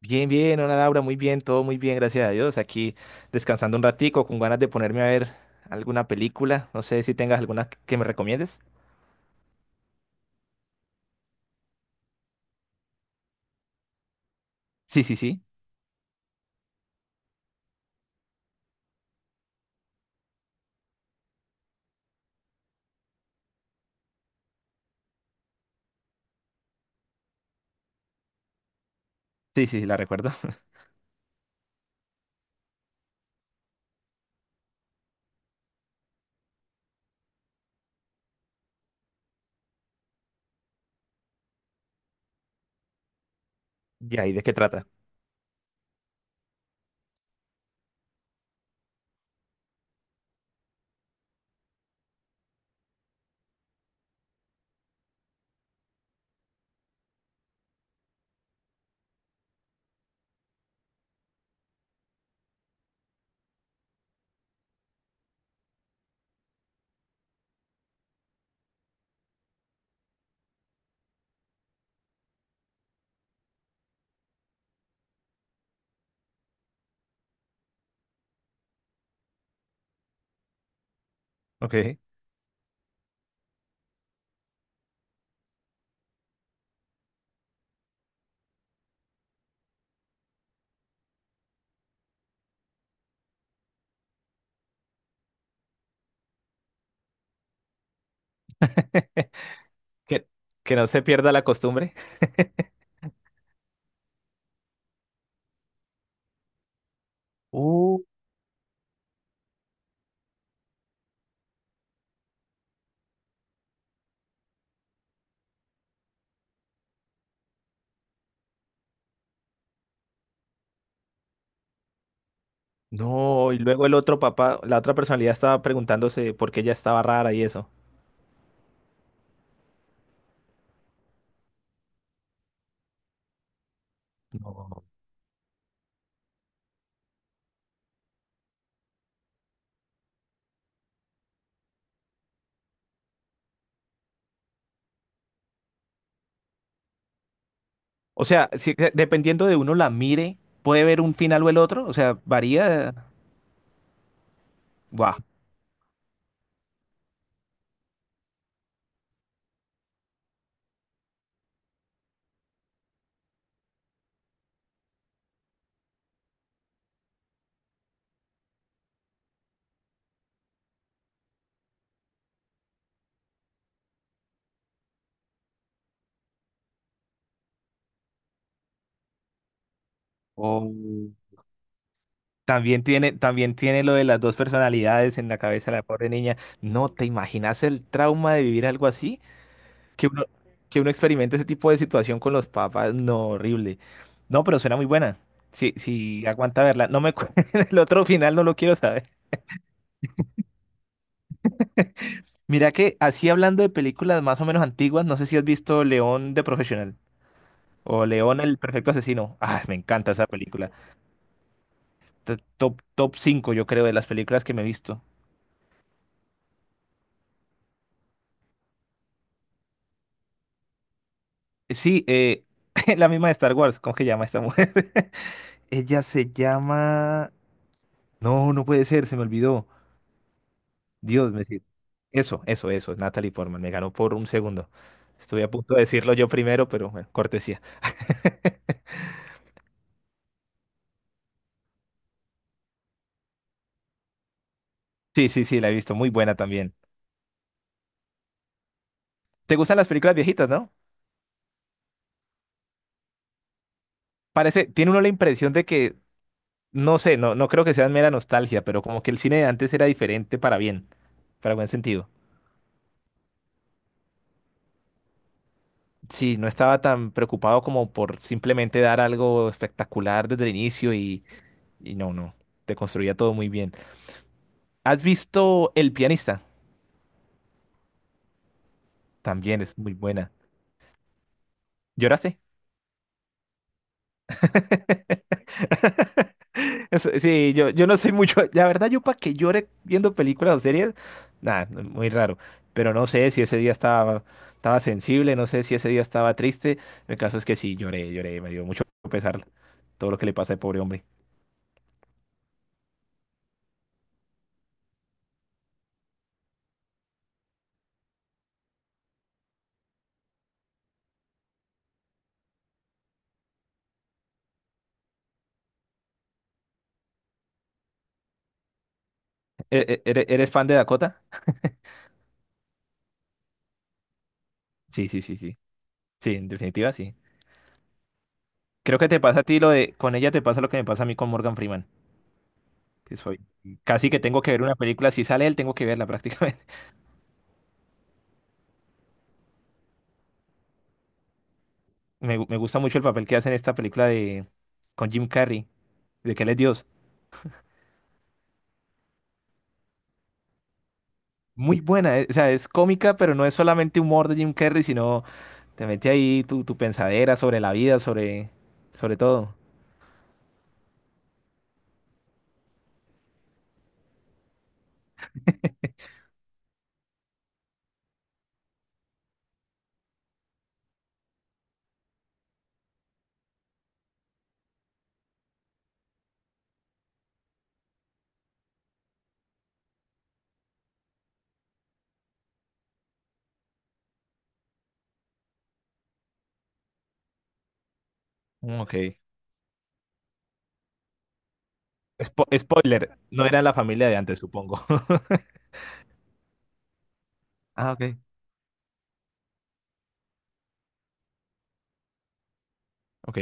Bien, bien, hola Laura, muy bien, todo muy bien, gracias a Dios. Aquí descansando un ratico, con ganas de ponerme a ver alguna película. No sé si tengas alguna que me recomiendes. Sí, sí, sí. Sí, sí, sí, la recuerdo. ¿Y ahí de qué trata? Ok. Que, que no se pierda la costumbre. Uh, no, y luego el otro papá, la otra personalidad estaba preguntándose por qué ella estaba rara y eso. No. O sea, si, dependiendo de uno la mire, puede ver un final o el otro. O sea, varía. Guau. Oh. También tiene lo de las dos personalidades en la cabeza de la pobre niña. ¿No te imaginas el trauma de vivir algo así? Que uno, que uno experimente ese tipo de situación con los papás. No, horrible. No, pero suena muy buena. Sí, sí, aguanta verla. No me cu- el otro final, no lo quiero saber. Mira que así hablando de películas más o menos antiguas, no sé si has visto León de Profesional o León el Perfecto Asesino. Ah, me encanta esa película. Top, top 5 yo creo, de las películas que me he visto. Sí, la misma de Star Wars, ¿cómo que llama esta mujer? Ella se llama... No, no puede ser, se me olvidó. Dios, me... si, eso, es Natalie Portman, me ganó por un segundo. Estuve a punto de decirlo yo primero, pero bueno, cortesía. Sí, sí, sí, la he visto, muy buena también. ¿Te gustan las películas viejitas, no? Tiene uno la impresión de que, no sé, no, no creo que sea mera nostalgia, pero como que el cine de antes era diferente para bien, para buen sentido. Sí, no estaba tan preocupado como por simplemente dar algo espectacular desde el inicio y, no, te construía todo muy bien. ¿Has visto El pianista? También es muy buena. ¿Lloraste? Sí, yo no soy mucho, la verdad yo para que llore viendo películas o series, nada, muy raro, pero no sé si ese día estaba sensible, no sé si ese día estaba triste, el caso es que sí, lloré, lloré, me dio mucho pesar todo lo que le pasa al pobre hombre. ¿Eres, eres fan de Dakota? Sí, sí, sí, sí, sí, en definitiva sí. Creo que te pasa a ti lo de, con ella te pasa lo que me pasa a mí con Morgan Freeman, que soy, casi que tengo que ver una película, si sale él tengo que verla prácticamente. Me gusta mucho el papel que hace en esta película de, con Jim Carrey, de que él es Dios. Muy buena, o sea, es cómica, pero no es solamente humor de Jim Carrey, sino te mete ahí tu pensadera sobre la vida, sobre, sobre todo. Mm, ok. Spoiler, no era la familia de antes, supongo. Ah, ok. Ok.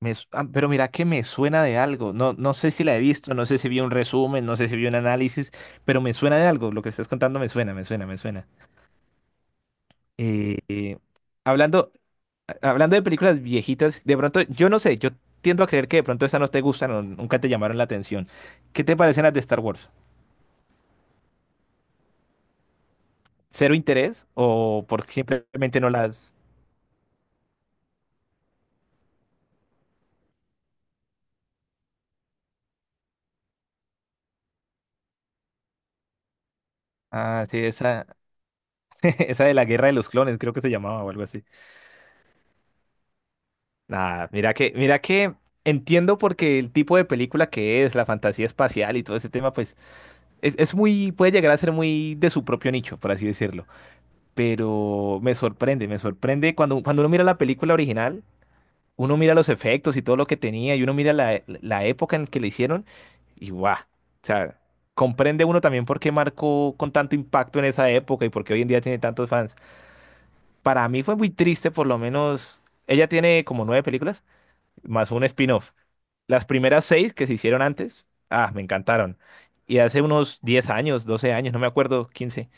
Ah, pero mira que me suena de algo. No, no sé si la he visto, no sé si vi un resumen, no sé si vi un análisis, pero me suena de algo. Lo que estás contando me suena, me suena, me suena. Eh, eh, hablando, hablando de películas viejitas, de pronto, yo no sé, yo tiendo a creer que de pronto esas no te gustan o nunca te llamaron la atención. ¿Qué te parecen las de Star Wars? ¿Cero interés o porque simplemente no las... Ah, sí, esa, esa de la Guerra de los Clones, creo que se llamaba o algo así. Nada, mira que entiendo porque el tipo de película que es, la fantasía espacial y todo ese tema, pues es muy, puede llegar a ser muy de su propio nicho, por así decirlo. Pero me sorprende cuando, cuando uno mira la película original, uno mira los efectos y todo lo que tenía y uno mira la época en que le hicieron y guau, o sea, comprende uno también por qué marcó con tanto impacto en esa época y por qué hoy en día tiene tantos fans. Para mí fue muy triste, por lo menos, ella tiene como 9 películas más un spin-off. Las primeras 6 que se hicieron antes, ah, me encantaron. Y hace unos 10 años, 12 años, no me acuerdo, 15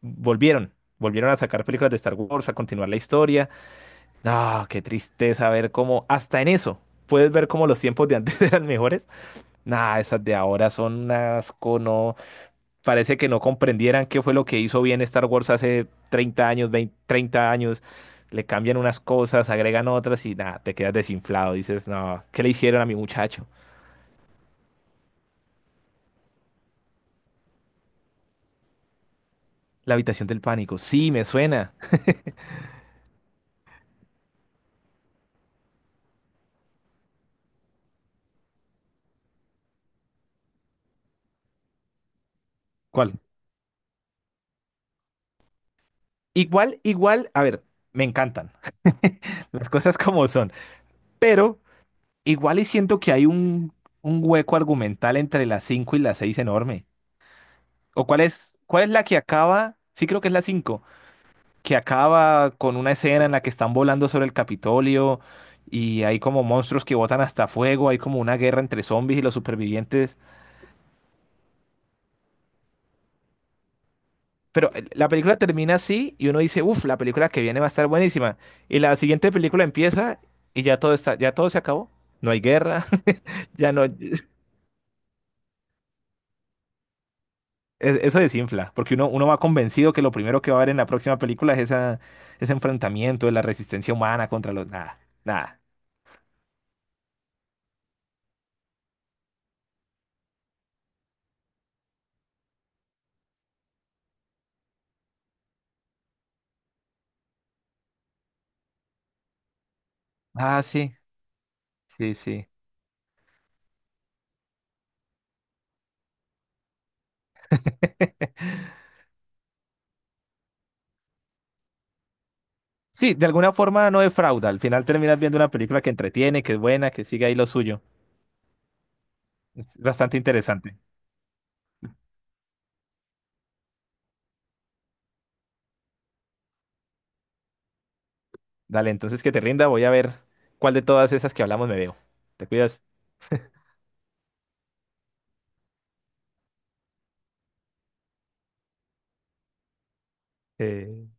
volvieron. Volvieron a sacar películas de Star Wars, a continuar la historia. No, qué tristeza ver cómo, hasta en eso, puedes ver cómo los tiempos de antes eran mejores. Nah, esas de ahora son un asco, no. Parece que no comprendieran qué fue lo que hizo bien Star Wars hace 30 años, 20 30 años. Le cambian unas cosas, agregan otras y nada, te quedas desinflado. Dices, no, ¿qué le hicieron a mi muchacho? La habitación del pánico. Sí, me suena. ¿Cuál? Igual, igual, a ver, me encantan las cosas como son, pero igual y siento que hay un hueco argumental entre las 5 y las 6 enorme. ¿O cuál es la que acaba? Sí, creo que es la 5, que acaba con una escena en la que están volando sobre el Capitolio y hay como monstruos que botan hasta fuego, hay como una guerra entre zombies y los supervivientes. Pero la película termina así y uno dice, uff, la película que viene va a estar buenísima. Y la siguiente película empieza y ya todo está, ya todo se acabó. No hay guerra, ya no. Eso desinfla, porque uno, uno va convencido que lo primero que va a haber en la próxima película es esa, ese enfrentamiento de la resistencia humana contra los. Nada, nada. Ah, sí, sí, sí. Sí, de alguna forma no defrauda. Al final terminas viendo una película que entretiene, que es buena, que sigue ahí lo suyo. Es bastante interesante. Dale, entonces que te rinda, voy a ver cuál de todas esas que hablamos me veo. ¿Te cuidas? Eh,